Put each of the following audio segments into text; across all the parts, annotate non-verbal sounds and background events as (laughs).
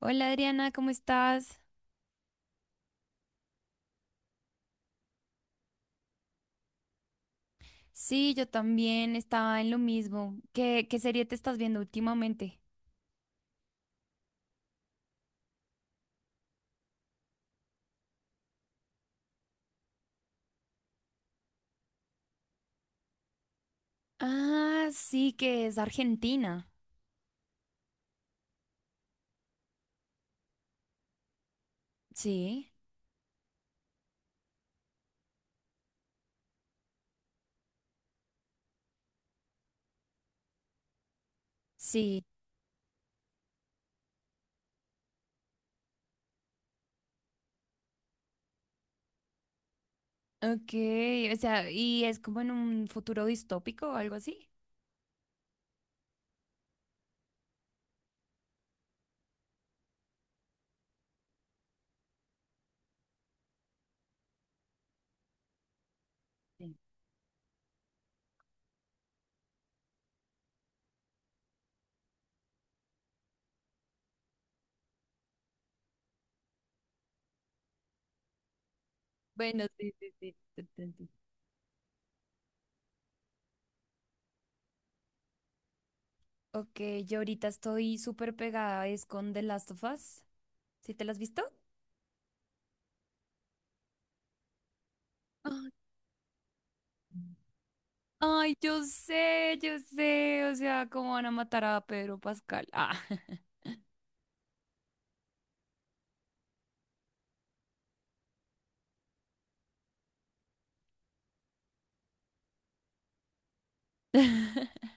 Hola Adriana, ¿cómo estás? Sí, yo también estaba en lo mismo. ¿Qué serie te estás viendo últimamente? Ah, sí, que es Argentina. Sí, sí. Ok, o sea, ¿Y es como en un futuro distópico o algo así? Sí. Bueno, sí, sí, sí, te entendí. Ok, yo ahorita estoy súper pegada, es con The Last of Us. ¿Sí te la has visto? Ay. Mm. Ay, yo sé, o sea, cómo van a matar a Pedro Pascal. Ah. (laughs)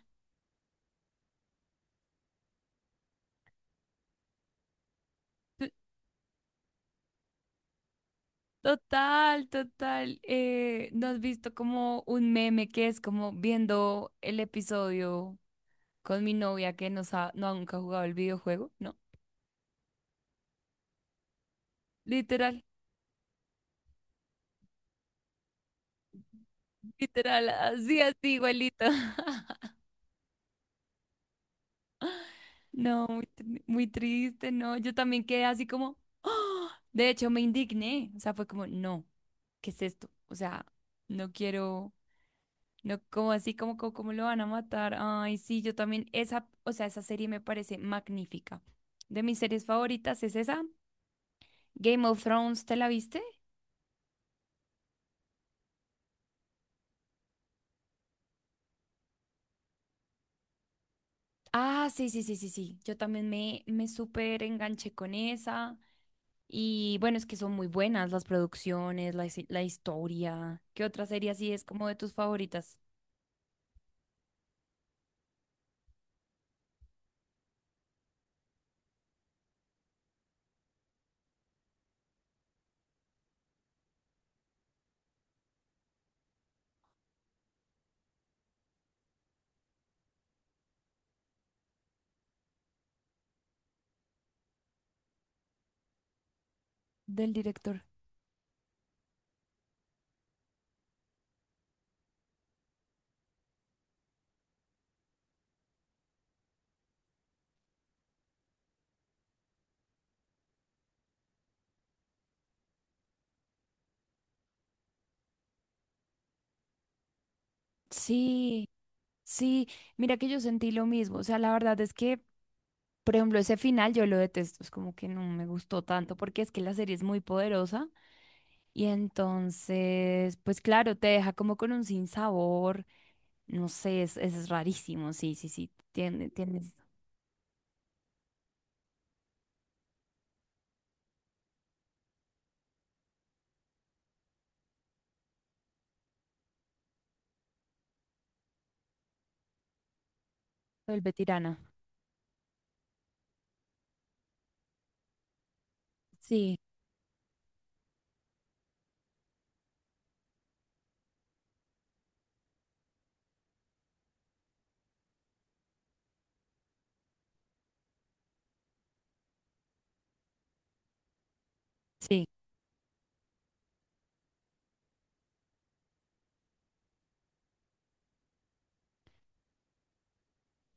Total, total. ¿No has visto como un meme que es como viendo el episodio con mi novia que no ha nunca jugado el videojuego, ¿no? Literal, literal, así, así, igualito. (laughs) No, muy, muy triste, no. Yo también quedé así como ¡ah! De hecho, me indigné. O sea, fue como, no, ¿qué es esto? O sea, no quiero. No, como así, como, como, como lo van a matar. Ay, sí, yo también, esa, o sea, esa serie me parece magnífica. De mis series favoritas es esa. Game of Thrones, ¿te la viste? Ah, sí, sí, sí, sí, sí. Yo también me súper enganché con esa. Y bueno, es que son muy buenas las producciones, la, la historia. ¿Qué otra serie así es como de tus favoritas? Del director. Sí, sí. Mira que yo sentí lo mismo. O sea, la verdad es que, por ejemplo, ese final yo lo detesto, es como que no me gustó tanto porque es que la serie es muy poderosa, y entonces, pues claro, te deja como con un sinsabor, no sé, es rarísimo, sí, sí, sí, tiene, tienes, vuelve tirana. Sí, sí,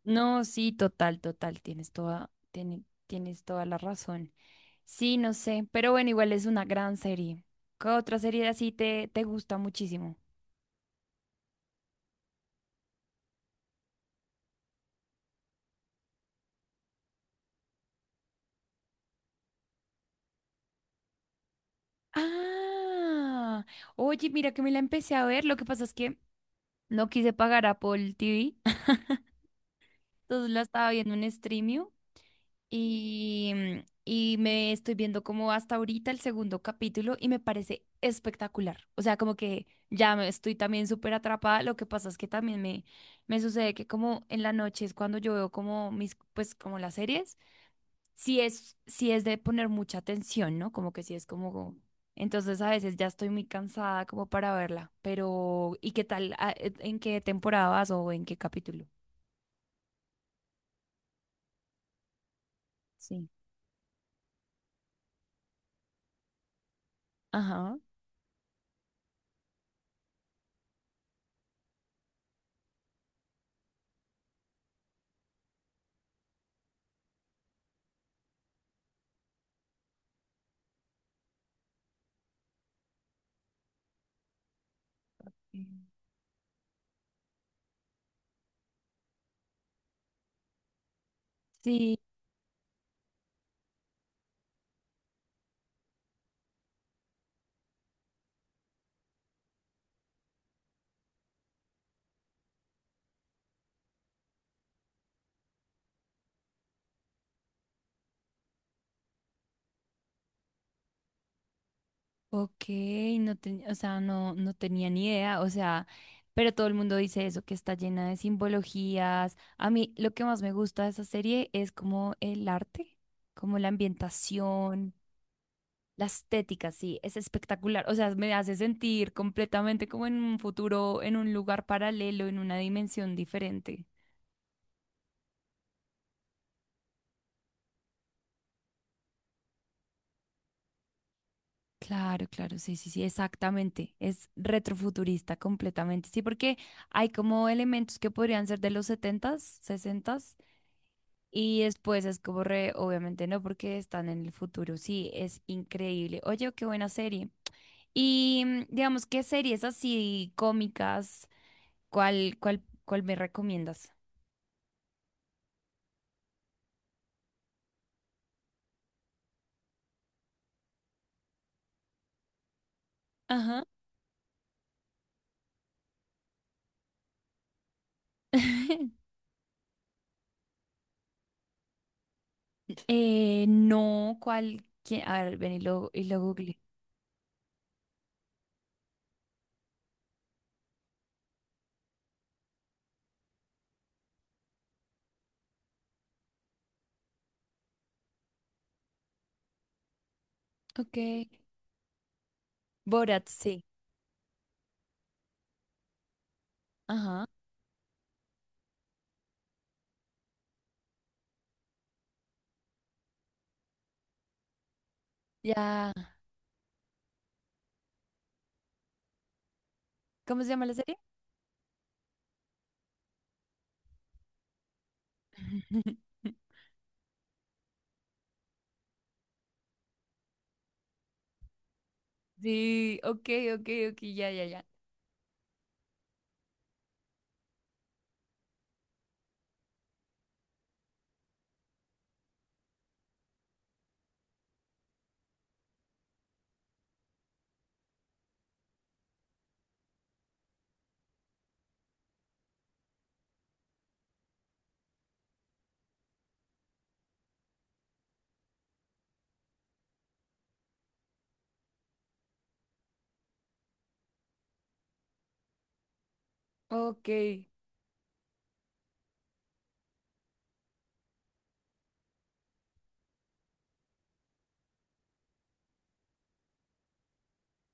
no, sí, total, total, tienes toda, tienes toda la razón. Sí, no sé, pero bueno, igual es una gran serie. ¿Qué otra serie así te gusta muchísimo? Ah, oye, mira que me la empecé a ver. Lo que pasa es que no quise pagar Apple TV (laughs) entonces la estaba viendo en Streamio y, y me estoy viendo como hasta ahorita el segundo capítulo y me parece espectacular. O sea, como que ya me estoy también súper atrapada. Lo que pasa es que también me sucede que como en la noche es cuando yo veo como mis, pues como las series, si es de poner mucha atención, ¿no? Como que si es como... Entonces a veces ya estoy muy cansada como para verla, pero ¿y qué tal? Ah, ¿en qué temporada vas o en qué capítulo? Sí. Ajá. Mm. Sí, ok, o sea, no, no tenía ni idea, o sea, pero todo el mundo dice eso, que está llena de simbologías. A mí lo que más me gusta de esa serie es como el arte, como la ambientación, la estética, sí, es espectacular. O sea, me hace sentir completamente como en un futuro, en un lugar paralelo, en una dimensión diferente. Claro, claro, sí, sí, sí, exactamente. Es retrofuturista completamente. Sí, porque hay como elementos que podrían ser de los setentas, sesentas, y después es como re, obviamente no, porque están en el futuro. Sí, es increíble. Oye, qué buena serie. Y digamos, ¿qué series así cómicas? ¿Cuál, cuál, cuál me recomiendas? Ajá. (laughs) No, ¿cuál? ¿Quién? A ver, ven y lo googleé. Ok. Borat, sí. Ajá. Ya. ¿Cómo se llama la serie? (laughs) Sí, ok, ok, ok, ya, ya, ya. Ok.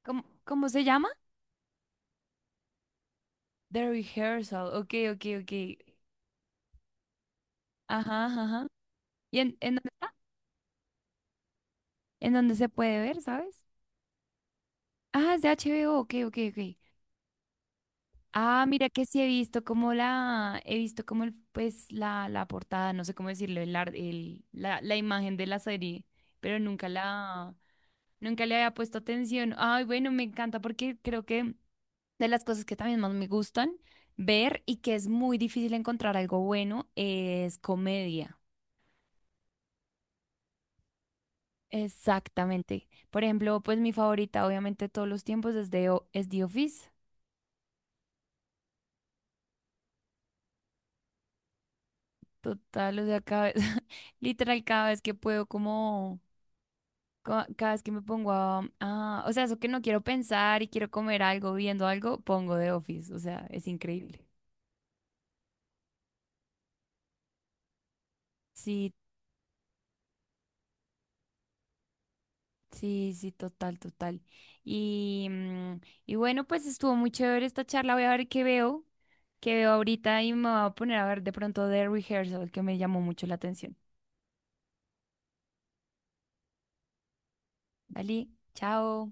¿Cómo, cómo se llama? The Rehearsal. Ok, ok, ok. Ajá, ajá, ajá. ¿Y en dónde está? ¿En dónde se puede ver, sabes? Ah, es de HBO. Ok, ok, ok. Ah, mira que sí he visto como la, he visto como el, pues la portada, no sé cómo decirlo, el, el, la imagen de la serie, pero nunca la, nunca le había puesto atención. Ay, bueno, me encanta porque creo que de las cosas que también más me gustan ver y que es muy difícil encontrar algo bueno es comedia. Exactamente. Por ejemplo, pues mi favorita, obviamente, de todos los tiempos es, de, es The Office. Total, o sea, cada vez, (laughs) literal, cada vez que puedo, como, cada vez que me pongo a, o sea, eso que no quiero pensar y quiero comer algo, viendo algo, pongo The Office. O sea, es increíble. Sí, sí, sí, total, total. Y, y bueno, pues estuvo muy chévere esta charla. Voy a ver qué veo ahorita y me voy a poner a ver de pronto The Rehearsal, que me llamó mucho la atención. Dale, chao.